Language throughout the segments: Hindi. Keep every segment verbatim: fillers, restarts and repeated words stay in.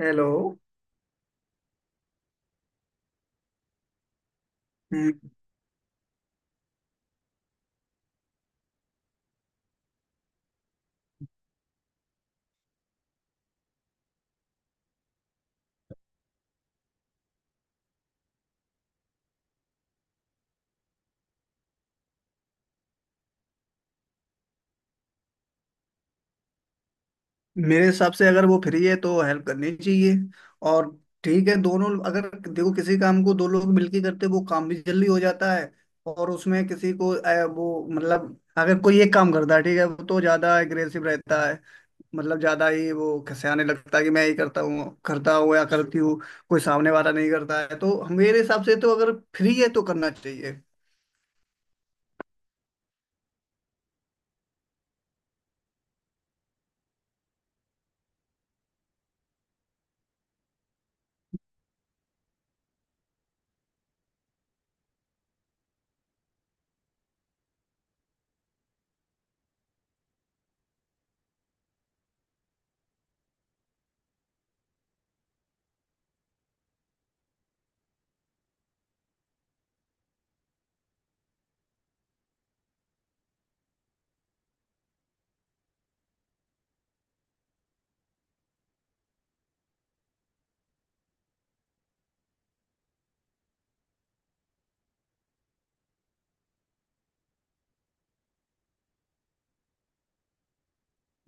हेलो। हम्म, मेरे हिसाब से अगर वो फ्री है तो हेल्प करनी चाहिए। और ठीक है, दोनों अगर देखो किसी काम को दो लोग मिलके करते वो काम भी जल्दी हो जाता है। और उसमें किसी को अ, वो मतलब अगर कोई एक काम करता है ठीक है वो तो ज्यादा एग्रेसिव रहता है। मतलब ज्यादा ही वो खसियाने लगता है कि मैं ही करता हूँ करता हूँ या करती हूँ, कोई सामने वाला नहीं करता है। तो मेरे हिसाब से तो अगर फ्री है तो करना चाहिए।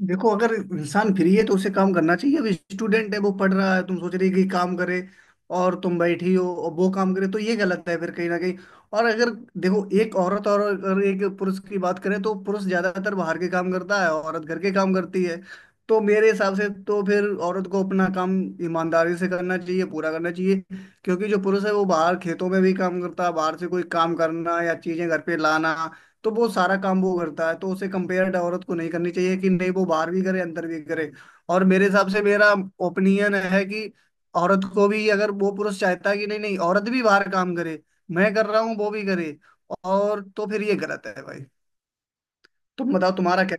देखो अगर इंसान फ्री है तो उसे काम करना चाहिए। अब स्टूडेंट है वो पढ़ रहा है, तुम सोच रहे कि काम करे और तुम बैठी हो और वो काम करे तो ये गलत है फिर कहीं ना कहीं। और अगर देखो एक औरत और अगर एक पुरुष की बात करें तो पुरुष ज्यादातर बाहर के काम करता है, औरत घर के काम करती है। तो मेरे हिसाब से तो फिर औरत को अपना काम ईमानदारी से करना चाहिए, पूरा करना चाहिए। क्योंकि जो पुरुष है वो बाहर खेतों में भी काम करता है, बाहर से कोई काम करना या चीजें घर पे लाना, तो वो सारा काम वो करता है। तो उसे कंपेयर औरत को नहीं करनी चाहिए कि नहीं वो बाहर भी करे अंदर भी करे। और मेरे हिसाब से मेरा ओपिनियन है कि औरत को भी अगर वो पुरुष चाहता है कि नहीं नहीं औरत भी बाहर काम करे, मैं कर रहा हूँ वो भी करे, और तो फिर ये गलत है भाई। तुम बताओ तुम्हारा क्या?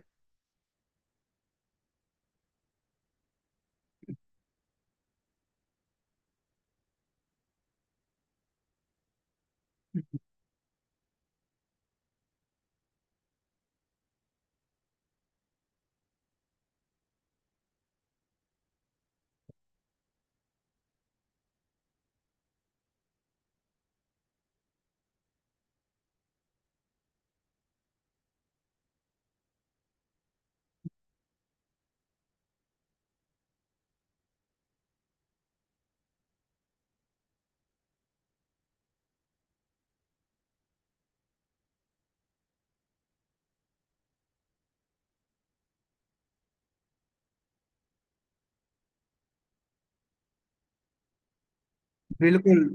बिल्कुल।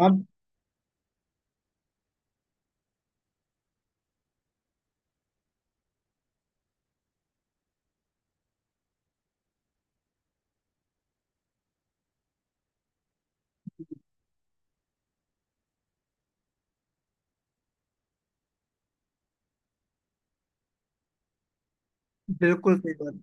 हाँ। बिल्कुल सही बात।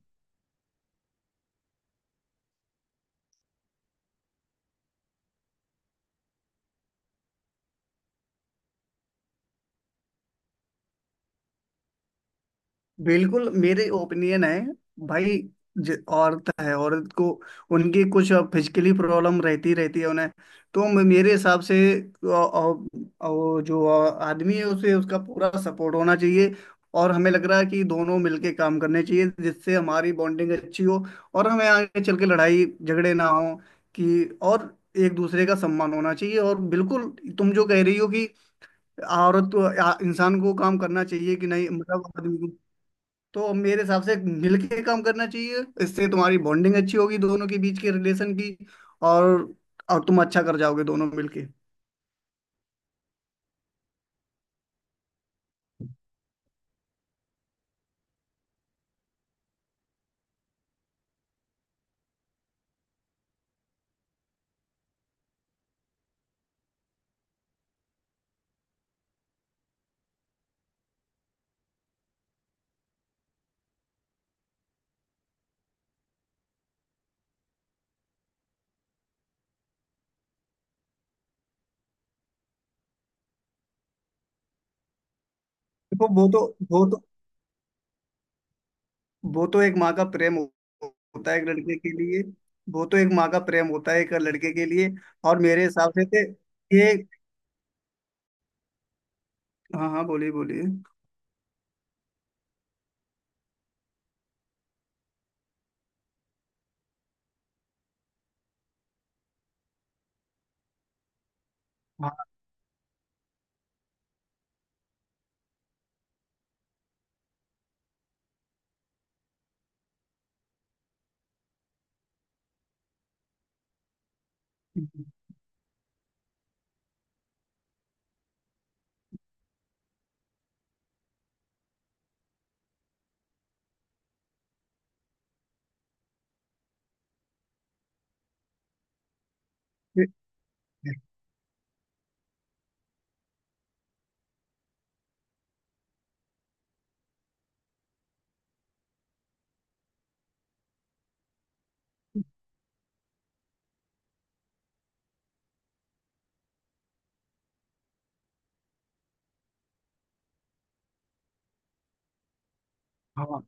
बिल्कुल, मेरे ओपिनियन है भाई, ज- औरत है, औरत को उनकी कुछ फिजिकली प्रॉब्लम रहती रहती है उन्हें। तो म- मेरे हिसाब से अ- अ- वो जो आदमी है उसे उसका पूरा सपोर्ट होना चाहिए। और हमें लग रहा है कि दोनों मिलके काम करने चाहिए जिससे हमारी बॉन्डिंग अच्छी हो और हमें आगे चल के लड़ाई झगड़े ना हो। कि और एक दूसरे का सम्मान होना चाहिए और बिल्कुल तुम जो कह रही हो कि औरत आ, इंसान को काम करना चाहिए कि नहीं, मतलब आदमी को। तो मेरे हिसाब से मिलके काम करना चाहिए, इससे तुम्हारी बॉन्डिंग अच्छी होगी दोनों के बीच के रिलेशन की। और और तुम अच्छा कर जाओगे दोनों मिलके। देखो वो तो वो तो वो तो एक माँ का प्रेम हो- होता है एक लड़के के लिए। वो तो एक माँ का प्रेम होता है एक लड़के के लिए। और मेरे हिसाब से ते- ये, हाँ हाँ, बोलिए बोलिए। हाँ। फिर- हाँ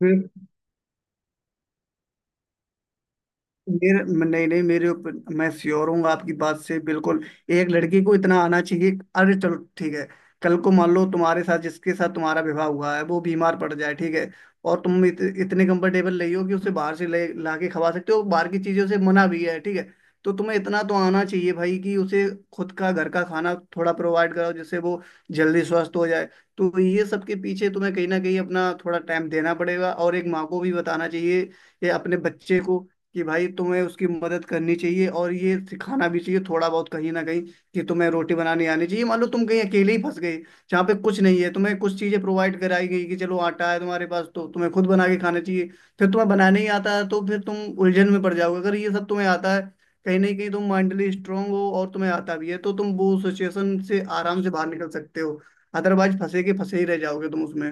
फिर मेरे, नहीं नहीं, मेरे ऊपर मैं श्योर हूँ आपकी बात से, बिल्कुल। एक लड़की को इतना आना चाहिए, अरे चलो ठीक है। कल को मान लो तुम्हारे साथ, जिसके साथ तुम्हारा विवाह हुआ है, वो बीमार पड़ जाए, ठीक है। और तुम इत, इतने कंफर्टेबल नहीं हो कि उसे बाहर से ले ला के खवा सकते हो, बाहर की चीजों से मना भी है, ठीक है। तो तुम्हें इतना तो आना चाहिए भाई कि उसे खुद का घर का खाना थोड़ा प्रोवाइड कराओ जिससे वो जल्दी स्वस्थ हो जाए। तो ये सब के पीछे तुम्हें कहीं ना कहीं अपना थोड़ा टाइम देना पड़ेगा। और एक माँ को भी बताना चाहिए ये अपने बच्चे को कि भाई तुम्हें उसकी मदद करनी चाहिए और ये सिखाना भी चाहिए थोड़ा बहुत कहीं ना कहीं, कि तुम्हें रोटी बनानी आनी चाहिए। मान लो तुम कहीं अकेले ही फंस गए जहाँ पे कुछ नहीं है, तुम्हें कुछ चीजें प्रोवाइड कराई गई कि चलो आटा है तुम्हारे पास, तो तुम्हें खुद बना के खाना चाहिए। फिर तुम्हें बनाने ही आता है तो फिर तुम उलझन में पड़ जाओगे। अगर ये सब तुम्हें आता है कहीं ना कहीं तुम माइंडली स्ट्रांग हो और तुम्हें आता भी है तो तुम वो सिचुएशन से आराम से बाहर निकल सकते हो, अदरवाइज फंसे के फंसे ही रह जाओगे तुम उसमें।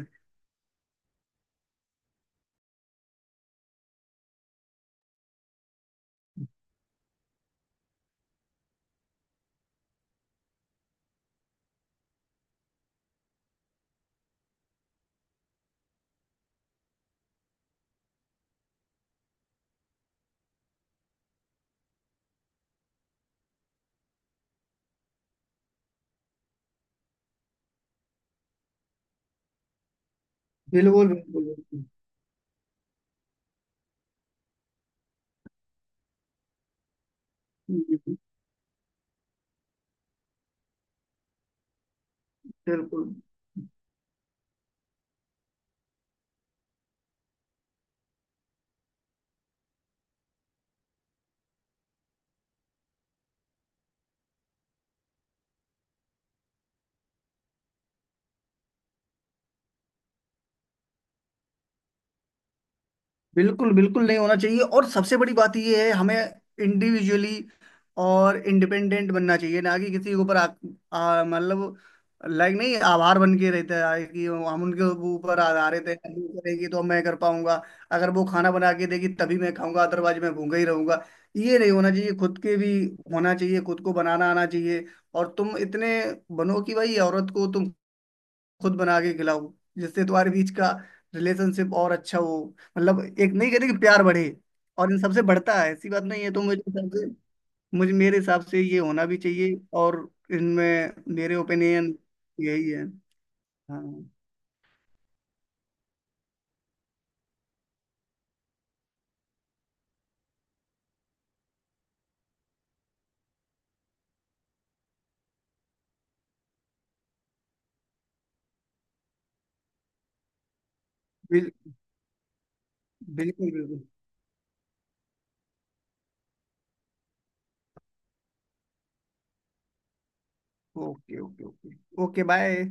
बिल्कुल, बिल्कुल, बिल्कुल, बिल्कुल, बिल्कुल। बिल्कुल नहीं होना चाहिए। और सबसे बड़ी बात यह है, हमें इंडिविजुअली और इंडिपेंडेंट बनना चाहिए, ना कि किसी के ऊपर आ- आ- मतलब लाइक नहीं आभार बन के रहता है कि हम उनके ऊपर आधारित है। वो करेगी तो मैं कर पाऊंगा, अगर वो खाना बना के देगी तभी मैं खाऊंगा अदरवाइज मैं भूखा ही रहूंगा। ये नहीं होना चाहिए, खुद के भी होना चाहिए, खुद को बनाना आना चाहिए। और तुम इतने बनो कि भाई औरत को तुम खुद बना के खिलाऊं जिससे तुम्हारे बीच का रिलेशनशिप और अच्छा हो। मतलब एक नहीं कहते कि प्यार बढ़े और इन सबसे बढ़ता है? ऐसी बात नहीं है। तो मुझे हिसाब से, मुझे मेरे हिसाब से ये होना भी चाहिए। और इनमें मेरे ओपिनियन यही है। हाँ। बिल, बिल्कुल बिल्कुल। Okay okay okay. Okay, bye.